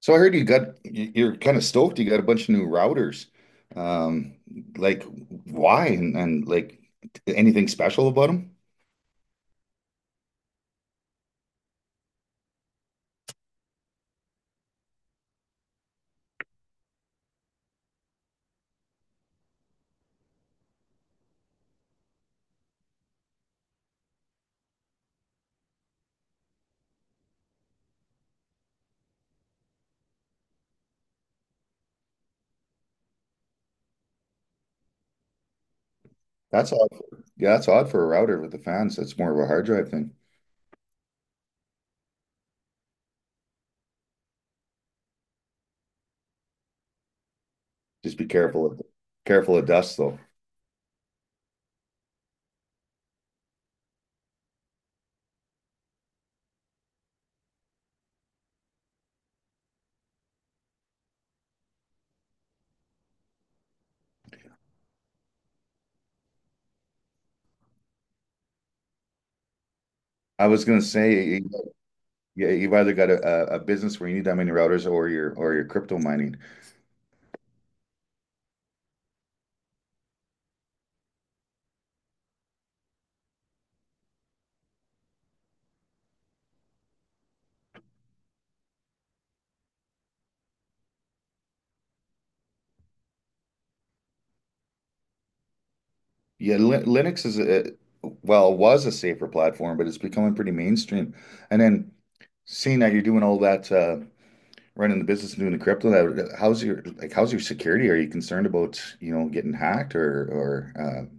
So I heard you got you're kind of stoked. You got a bunch of new routers. Um, like why and like anything special about them? That's odd. Yeah, that's odd for a router with the fans. That's more of a hard drive thing. Just be careful of dust though. I was gonna say yeah, you've either got a business where you need that many routers or you're crypto mining. Yeah, Linux is a well, was a safer platform, but it's becoming pretty mainstream. And then seeing that you're doing all that running the business and doing the crypto, that how's your how's your security? Are you concerned about, you know, getting hacked or uh,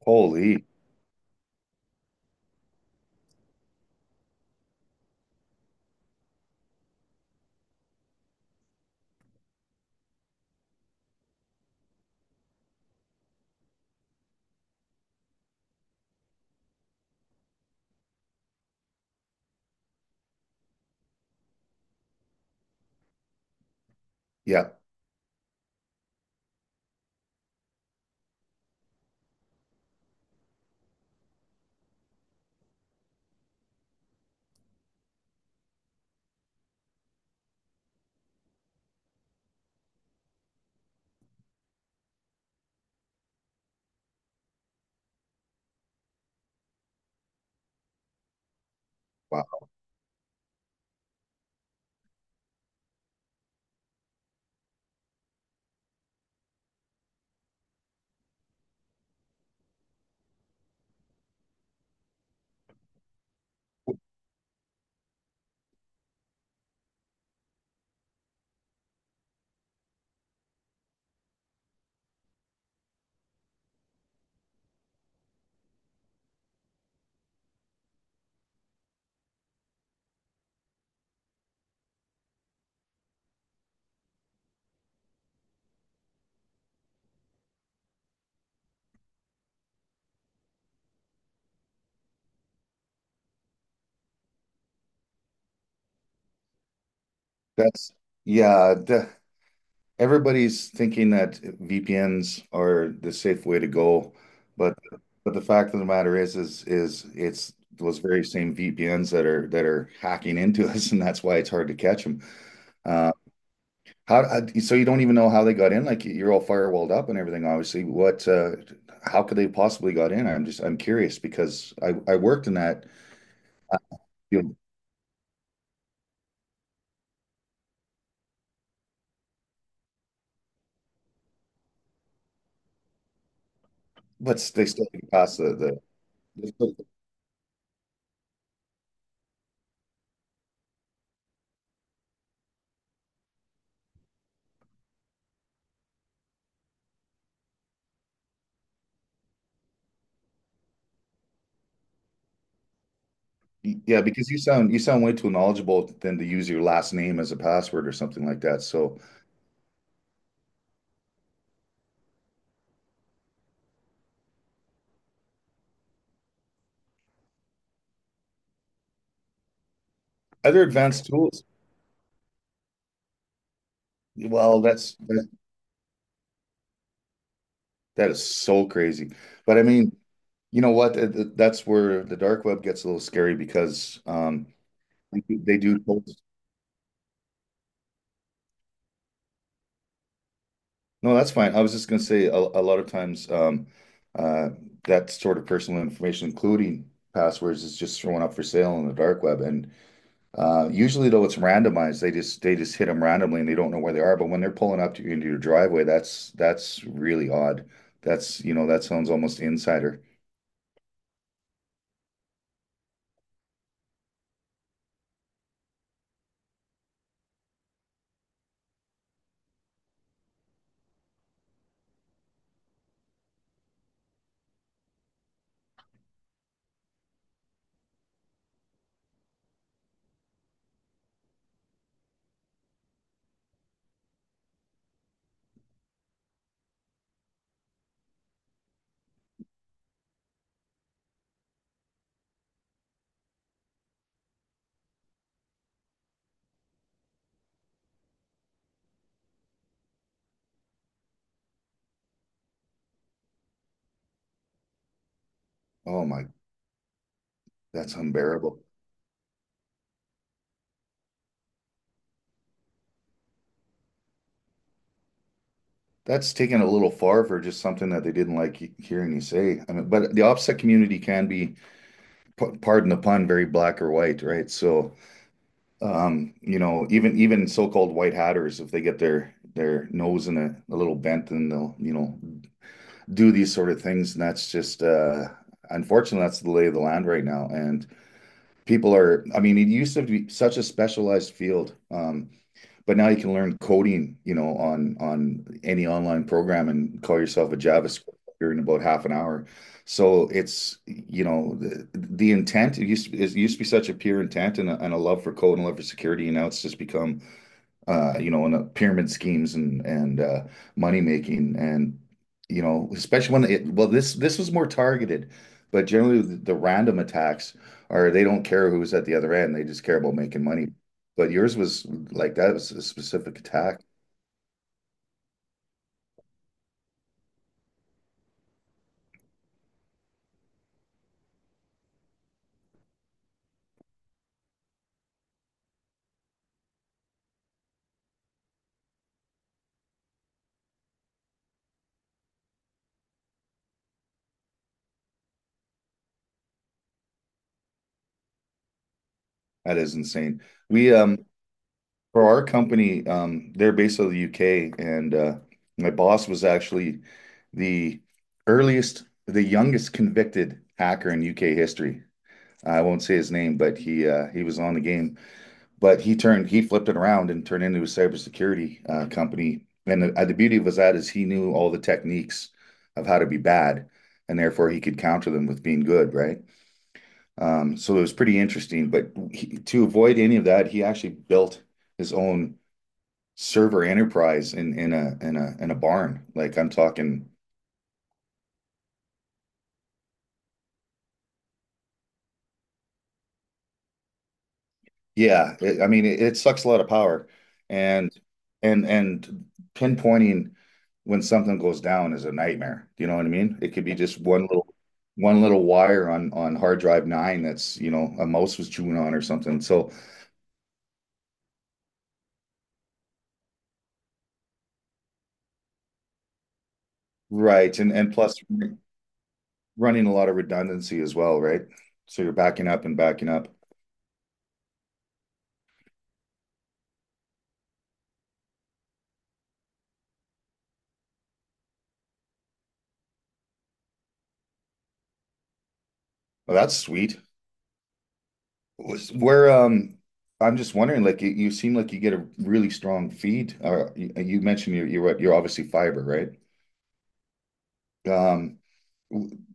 holy, yeah, wow. That's yeah, everybody's thinking that VPNs are the safe way to go, but but the fact of the matter is it's those very same VPNs that are hacking into us, and that's why it's hard to catch them. How, so you don't even know how they got in? Like you're all firewalled up and everything, obviously. What, how could they possibly got in? I'm just, I'm curious because I worked in that field, but they still didn't pass they yeah, because you sound way too knowledgeable than to use your last name as a password or something like that. So other advanced tools, well, that is so crazy. But I mean, you know what? That's where the dark web gets a little scary because they do No, that's fine. I was just going to say a lot of times uh, that sort of personal information, including passwords, is just thrown up for sale on the dark web. And usually, though, it's randomized. They just hit them randomly, and they don't know where they are. But when they're pulling up to you into your driveway, that's really odd. That's you know that sounds almost insider. Oh my, that's unbearable. That's taken a little far for just something that they didn't like hearing you say. I mean, but the OPSEC community can be, pardon the pun, very black or white, right? So. You know, even even so-called white hatters, if they get their nose in a little bent, then they'll, you know, do these sort of things. And that's just unfortunately that's the lay of the land right now. And people are, I mean, it used to be such a specialized field. But now you can learn coding, you know, on any online program and call yourself a JavaScript in about half an hour. So it's, you know, the intent it used to be such a pure intent and and a love for code and a love for security, and now it's just become you know, in the pyramid schemes and money making, and you know, especially when it, well, this was more targeted, but generally the random attacks are they don't care who's at the other end, they just care about making money. But yours was like that was a specific attack. That is insane. We for our company, they're based out of the UK, and my boss was actually the earliest, the youngest convicted hacker in UK history. I won't say his name, but he was on the game. But he flipped it around and turned into a cybersecurity company. And the beauty was that is he knew all the techniques of how to be bad, and therefore he could counter them with being good, right? So it was pretty interesting. But he, to avoid any of that, he actually built his own server enterprise in a barn. Like I'm talking Yeah, it, I mean, it sucks a lot of power, and and pinpointing when something goes down is a nightmare. Do you know what I mean? It could be just one little wire on hard drive nine that's, you know, a mouse was chewing on or something. So, right, and plus running a lot of redundancy as well, right? So you're backing up and backing up. Well, that's sweet. Where I'm just wondering, like you seem like you get a really strong feed. You, you mentioned you're obviously fiber, right? Um,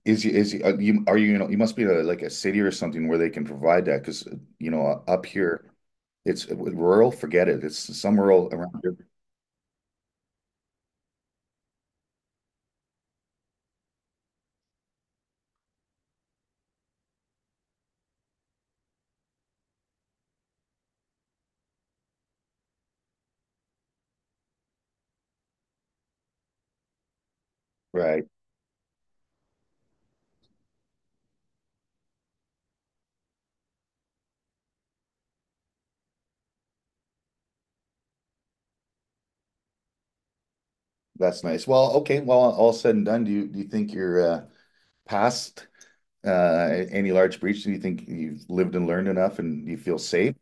is you, you know you must be a, like a city or something where they can provide that because you know up here it's rural, forget it. It's some rural around here, right? That's nice. Well, okay. Well, all said and done, do you think you're past any large breach? Do you think you've lived and learned enough, and you feel safe?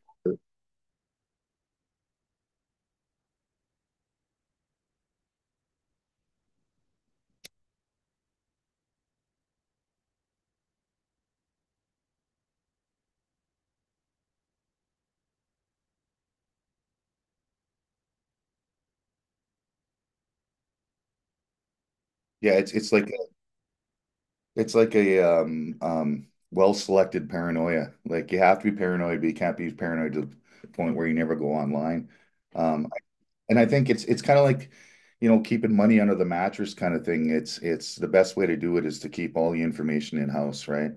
Yeah, it's it's like a well-selected paranoia. Like you have to be paranoid, but you can't be paranoid to the point where you never go online. Um, And I think it's kind of like, you know, keeping money under the mattress kind of thing. It's the best way to do it is to keep all the information in-house, right?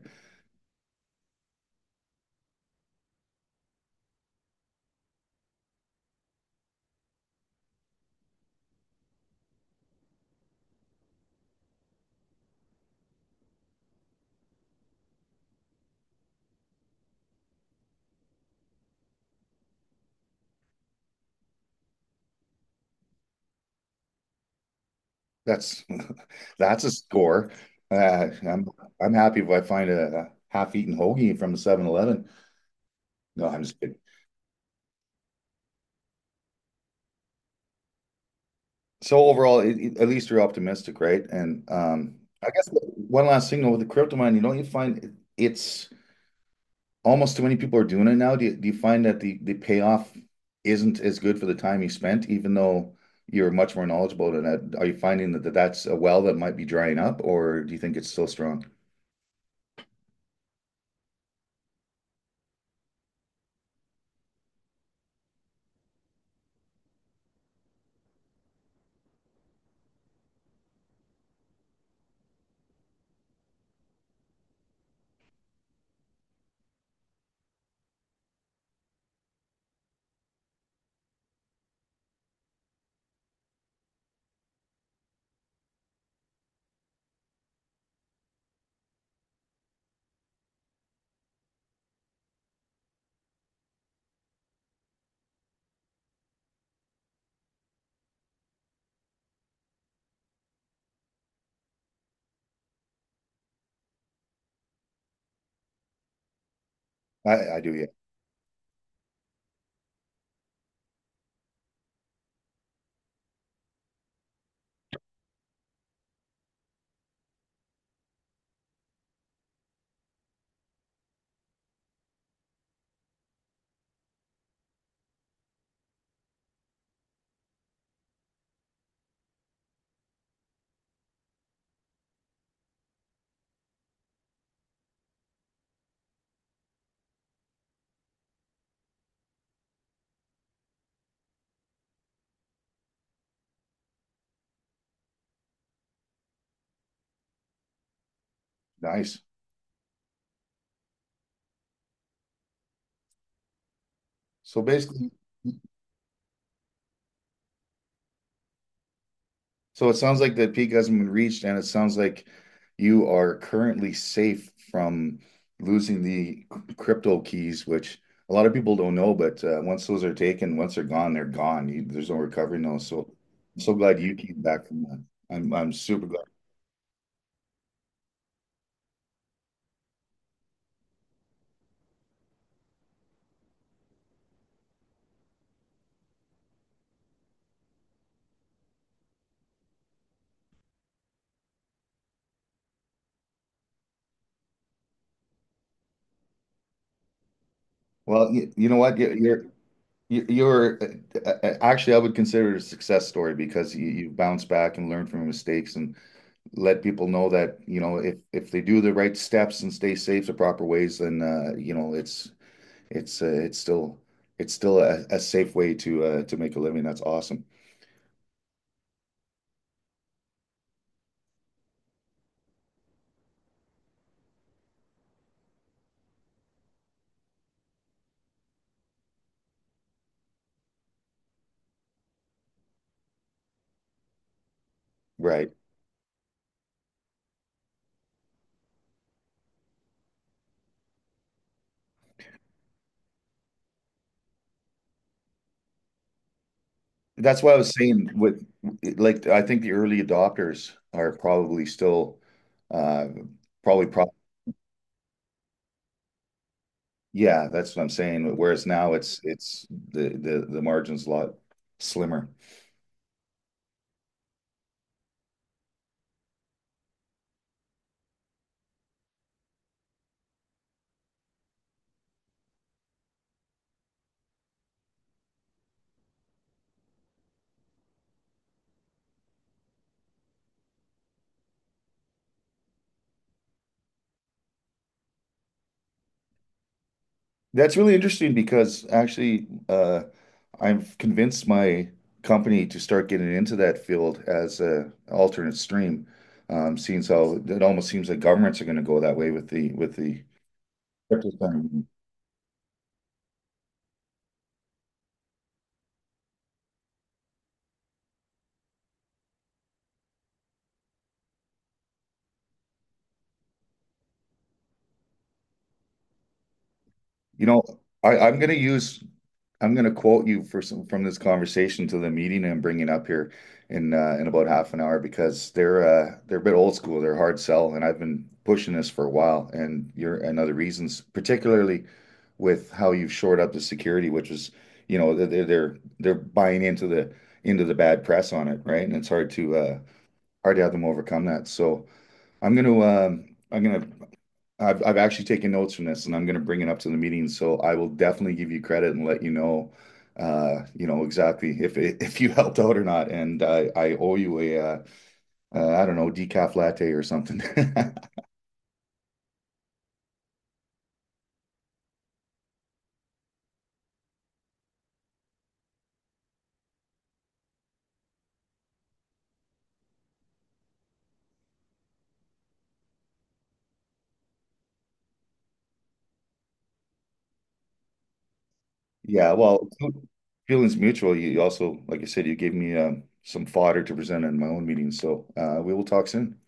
That's that's a score. Uh, I'm I'm happy if I find a half-eaten hoagie from a 7-Eleven. No, I'm just kidding. So overall, at least you're optimistic, right? And I guess one last thing though, with the crypto mine, you know, it's almost too many people are doing it now. Do you find that the payoff isn't as good for the time you spent, even though you're much more knowledgeable than that? Are you finding that, that's a well that might be drying up, or do you think it's still strong? I do, yeah. Nice. So basically, so it sounds like the peak hasn't been reached, and it sounds like you are currently safe from losing the crypto keys, which a lot of people don't know. But once those are taken, once they're gone, they're gone. You, there's no recovering those. So I'm so glad you came back from that. I'm super glad. Well, you know what? You're actually I would consider it a success story because you bounce back and learn from your mistakes and let people know that you know if they do the right steps and stay safe the proper ways then you know it's it's still a safe way to make a living that's awesome right that's what I was saying with like I think the early adopters are probably still uh probably pro yeah that's what I'm saying whereas now it's the margin's a lot slimmer. That's really interesting because actually, I'm convinced my company to start getting into that field as a alternate stream. Seeing as how it almost seems like governments are going to go that way with the You know, I, I'm gonna use I'm gonna quote you for some from this conversation to the meeting I'm bringing up here in about half an hour because they're a bit old school. They're hard sell, and I've been pushing this for a while. And you're and other reasons, particularly with how you've shored up the security, which is you know they're buying into the bad press on it, right? And it's hard to hard to have them overcome that. So I'm gonna um, I'm gonna I've actually taken notes from this, and I'm going to bring it up to the meeting. So I will definitely give you credit and let you know exactly if it, if you helped out or not. And I owe you a I don't know decaf latte or something. Yeah, well, feelings mutual. You also, like I said, you gave me some fodder to present in my own meeting. So we will talk soon.